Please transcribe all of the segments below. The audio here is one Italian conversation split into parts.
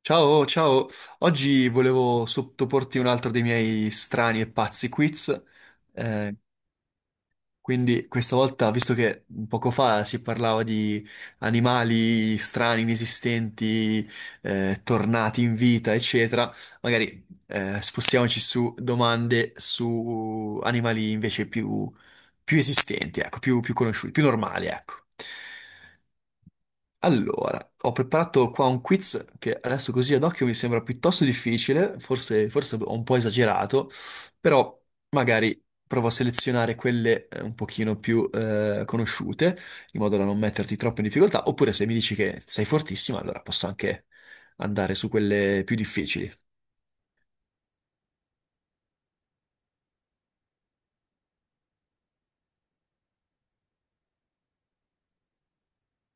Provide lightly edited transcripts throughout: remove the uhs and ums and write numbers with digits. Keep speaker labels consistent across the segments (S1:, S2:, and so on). S1: Ciao, ciao. Oggi volevo sottoporti un altro dei miei strani e pazzi quiz. Eh, quindi questa volta, visto che poco fa si parlava di animali strani, inesistenti, tornati in vita, eccetera, magari spostiamoci su domande su animali invece più esistenti, ecco, più conosciuti, più normali, ecco. Allora, ho preparato qua un quiz che adesso così ad occhio mi sembra piuttosto difficile, forse ho un po' esagerato, però magari provo a selezionare quelle un pochino più conosciute, in modo da non metterti troppo in difficoltà, oppure se mi dici che sei fortissima, allora posso anche andare su quelle più difficili.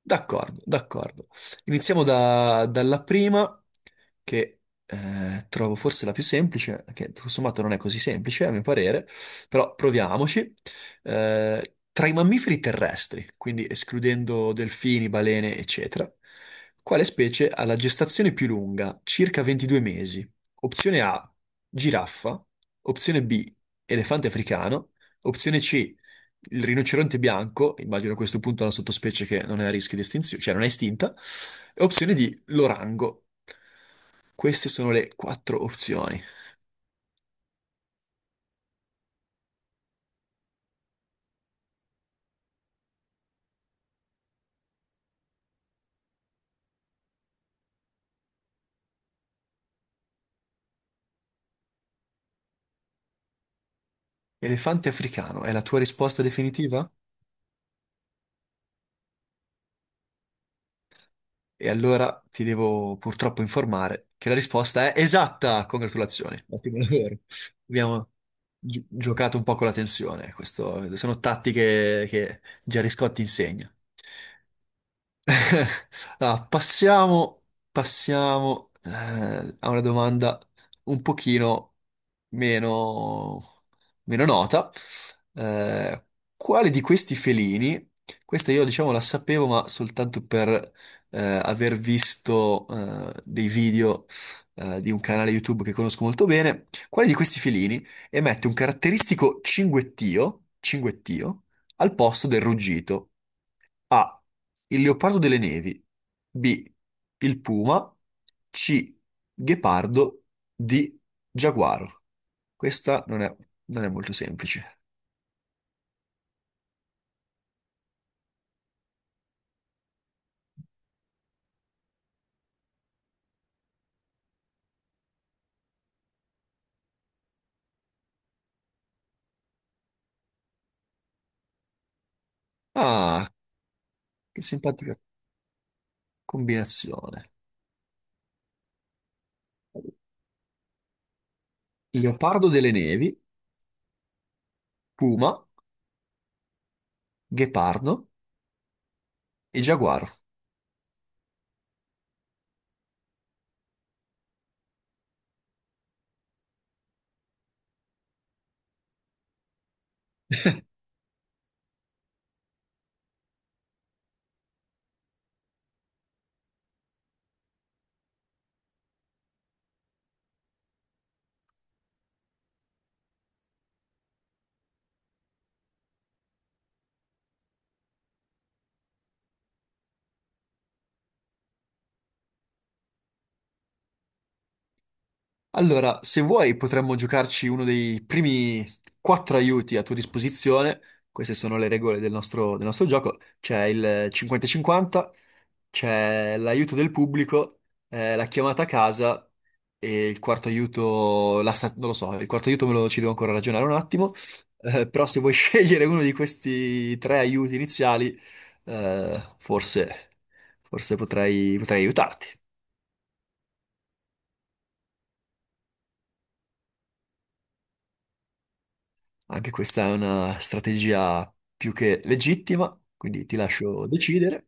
S1: D'accordo, d'accordo. Dalla prima, che trovo forse la più semplice, che tutto sommato non è così semplice a mio parere, però proviamoci. Tra i mammiferi terrestri, quindi escludendo delfini, balene, eccetera, quale specie ha la gestazione più lunga, circa 22 mesi? Opzione A, giraffa, opzione B, elefante africano, opzione C, il rinoceronte bianco, immagino a questo punto la sottospecie che non è a rischio di estinzione, cioè non è estinta, e opzione D, l'orango. Queste sono le quattro opzioni. Elefante africano è la tua risposta definitiva? E allora ti devo purtroppo informare che la risposta è esatta! Congratulazioni, ottimo lavoro. Abbiamo giocato un po' con la tensione, questo sono tattiche che Gerry Scotti insegna. Allora, passiamo a una domanda un pochino meno, meno nota. Eh, quale di questi felini, questa io diciamo la sapevo, ma soltanto per aver visto dei video di un canale YouTube che conosco molto bene, quale di questi felini emette un caratteristico cinguettio al posto del ruggito? A. Il leopardo delle nevi. B. Il puma. C. Ghepardo. D. Giaguaro. Questa non è, Non è molto semplice. Ah, che simpatica combinazione. Leopardo delle nevi, puma, ghepardo e giaguaro. Allora, se vuoi potremmo giocarci uno dei primi quattro aiuti a tua disposizione. Queste sono le regole del nostro gioco. C'è il 50-50, c'è l'aiuto del pubblico, la chiamata a casa e il quarto aiuto, non lo so, il quarto aiuto me lo ci devo ancora ragionare un attimo, però se vuoi scegliere uno di questi tre aiuti iniziali, eh, forse, forse potrei aiutarti. Anche questa è una strategia più che legittima, quindi ti lascio decidere.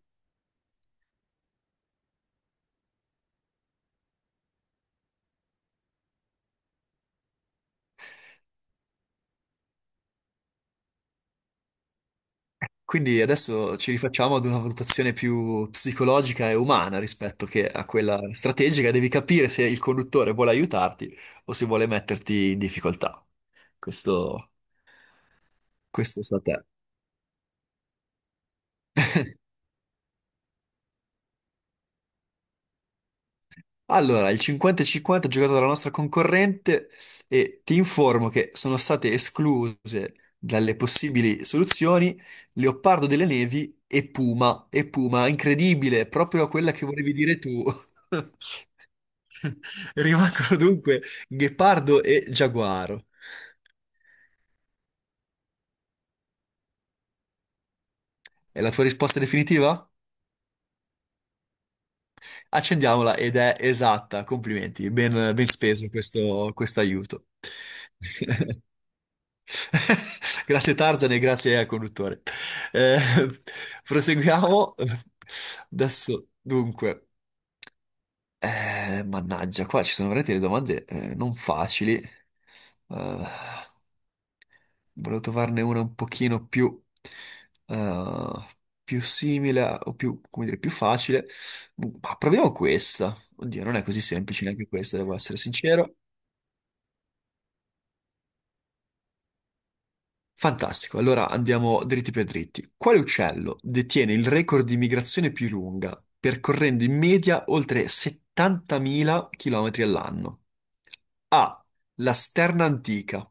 S1: Quindi adesso ci rifacciamo ad una valutazione più psicologica e umana rispetto che a quella strategica. Devi capire se il conduttore vuole aiutarti o se vuole metterti in difficoltà. Questo, Questo sta a te. Allora, il 50-50 giocato dalla nostra concorrente e ti informo che sono state escluse dalle possibili soluzioni Leopardo delle Nevi e Puma. E Puma, incredibile, proprio quella che volevi dire tu. Rimangono dunque Ghepardo e Giaguaro. È la tua risposta definitiva? Accendiamola ed è esatta. Complimenti, ben speso questo aiuto. Grazie Tarzan e grazie al conduttore. Eh, Proseguiamo. Adesso, dunque, mannaggia, qua ci sono veramente le domande non facili. Eh, Volevo trovarne una un pochino più, eh, più simile o più, come dire, più facile. Ma proviamo questa. Oddio, non è così semplice neanche questa, devo essere sincero. Fantastico, allora andiamo dritti per dritti. Quale uccello detiene il record di migrazione più lunga, percorrendo in media oltre 70.000 km all'anno? A. La sterna antica.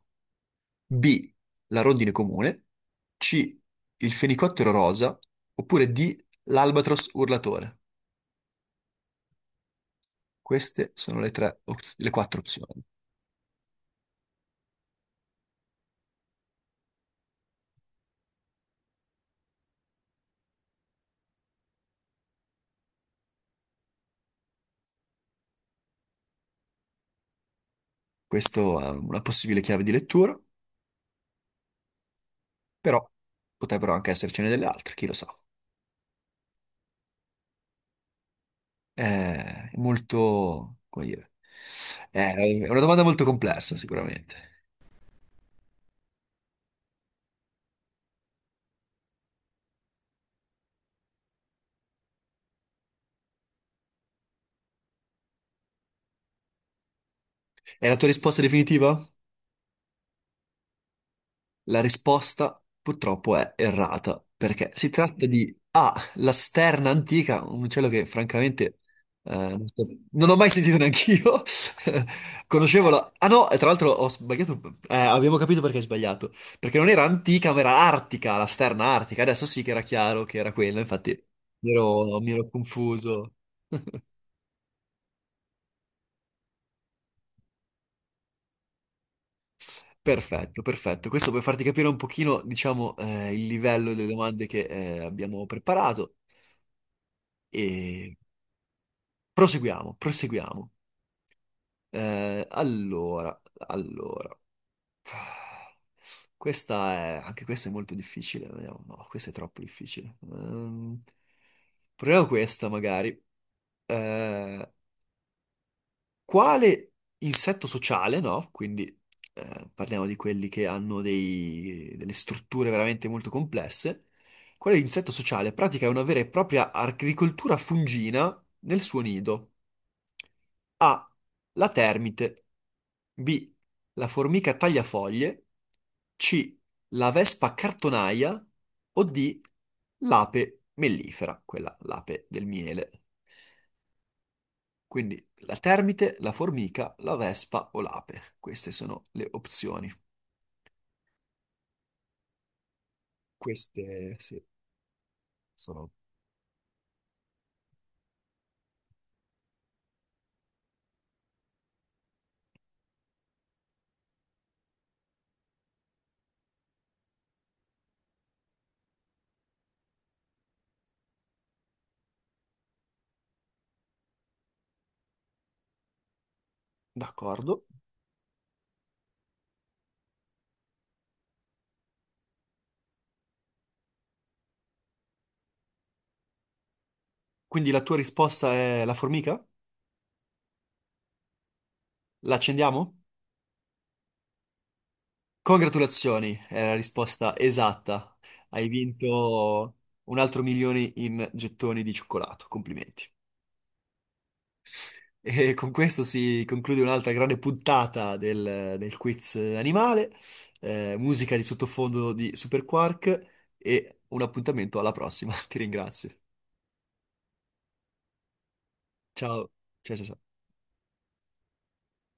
S1: B. La rondine comune. C. Il fenicottero rosa. Oppure D. L'albatros urlatore. Queste sono le quattro opzioni. Questo è una possibile chiave di lettura, però potrebbero anche essercene delle altre, chi lo sa. È molto, come dire, è è una domanda molto complessa, sicuramente. È la tua risposta definitiva? La risposta purtroppo è errata, perché si tratta di A, la sterna antica, un uccello che francamente eh, non so- non ho mai sentito neanch'io. Conoscevo la... Ah no, e tra l'altro ho sbagliato, abbiamo capito perché hai sbagliato, perché non era antica, ma era artica, la sterna artica. Adesso sì che era chiaro che era quella, infatti mi ero confuso. Perfetto, perfetto. Questo per farti capire un pochino, diciamo, il livello delle domande che abbiamo preparato. E proseguiamo. Eh, allora, allora. Anche questa è molto difficile. Vediamo. No, questa è troppo difficile. Proviamo questa, magari. Eh, quale insetto sociale, no? Quindi parliamo di quelli che hanno delle strutture veramente molto complesse. Quale insetto sociale pratica una vera e propria agricoltura fungina nel suo nido? A. La termite. B. La formica tagliafoglie. C. La vespa cartonaia. O D. L'ape mellifera, quella l'ape del miele. Quindi la termite, la formica, la vespa o l'ape. Queste sono le opzioni. Queste sì, sono d'accordo. Quindi la tua risposta è la formica? La accendiamo? Congratulazioni, è la risposta esatta. Hai vinto un altro milione in gettoni di cioccolato. Complimenti. E con questo si conclude un'altra grande puntata del quiz animale, musica di sottofondo di Super Quark e un appuntamento alla prossima. Ti ringrazio. Ciao, ciao, ciao. Ciao.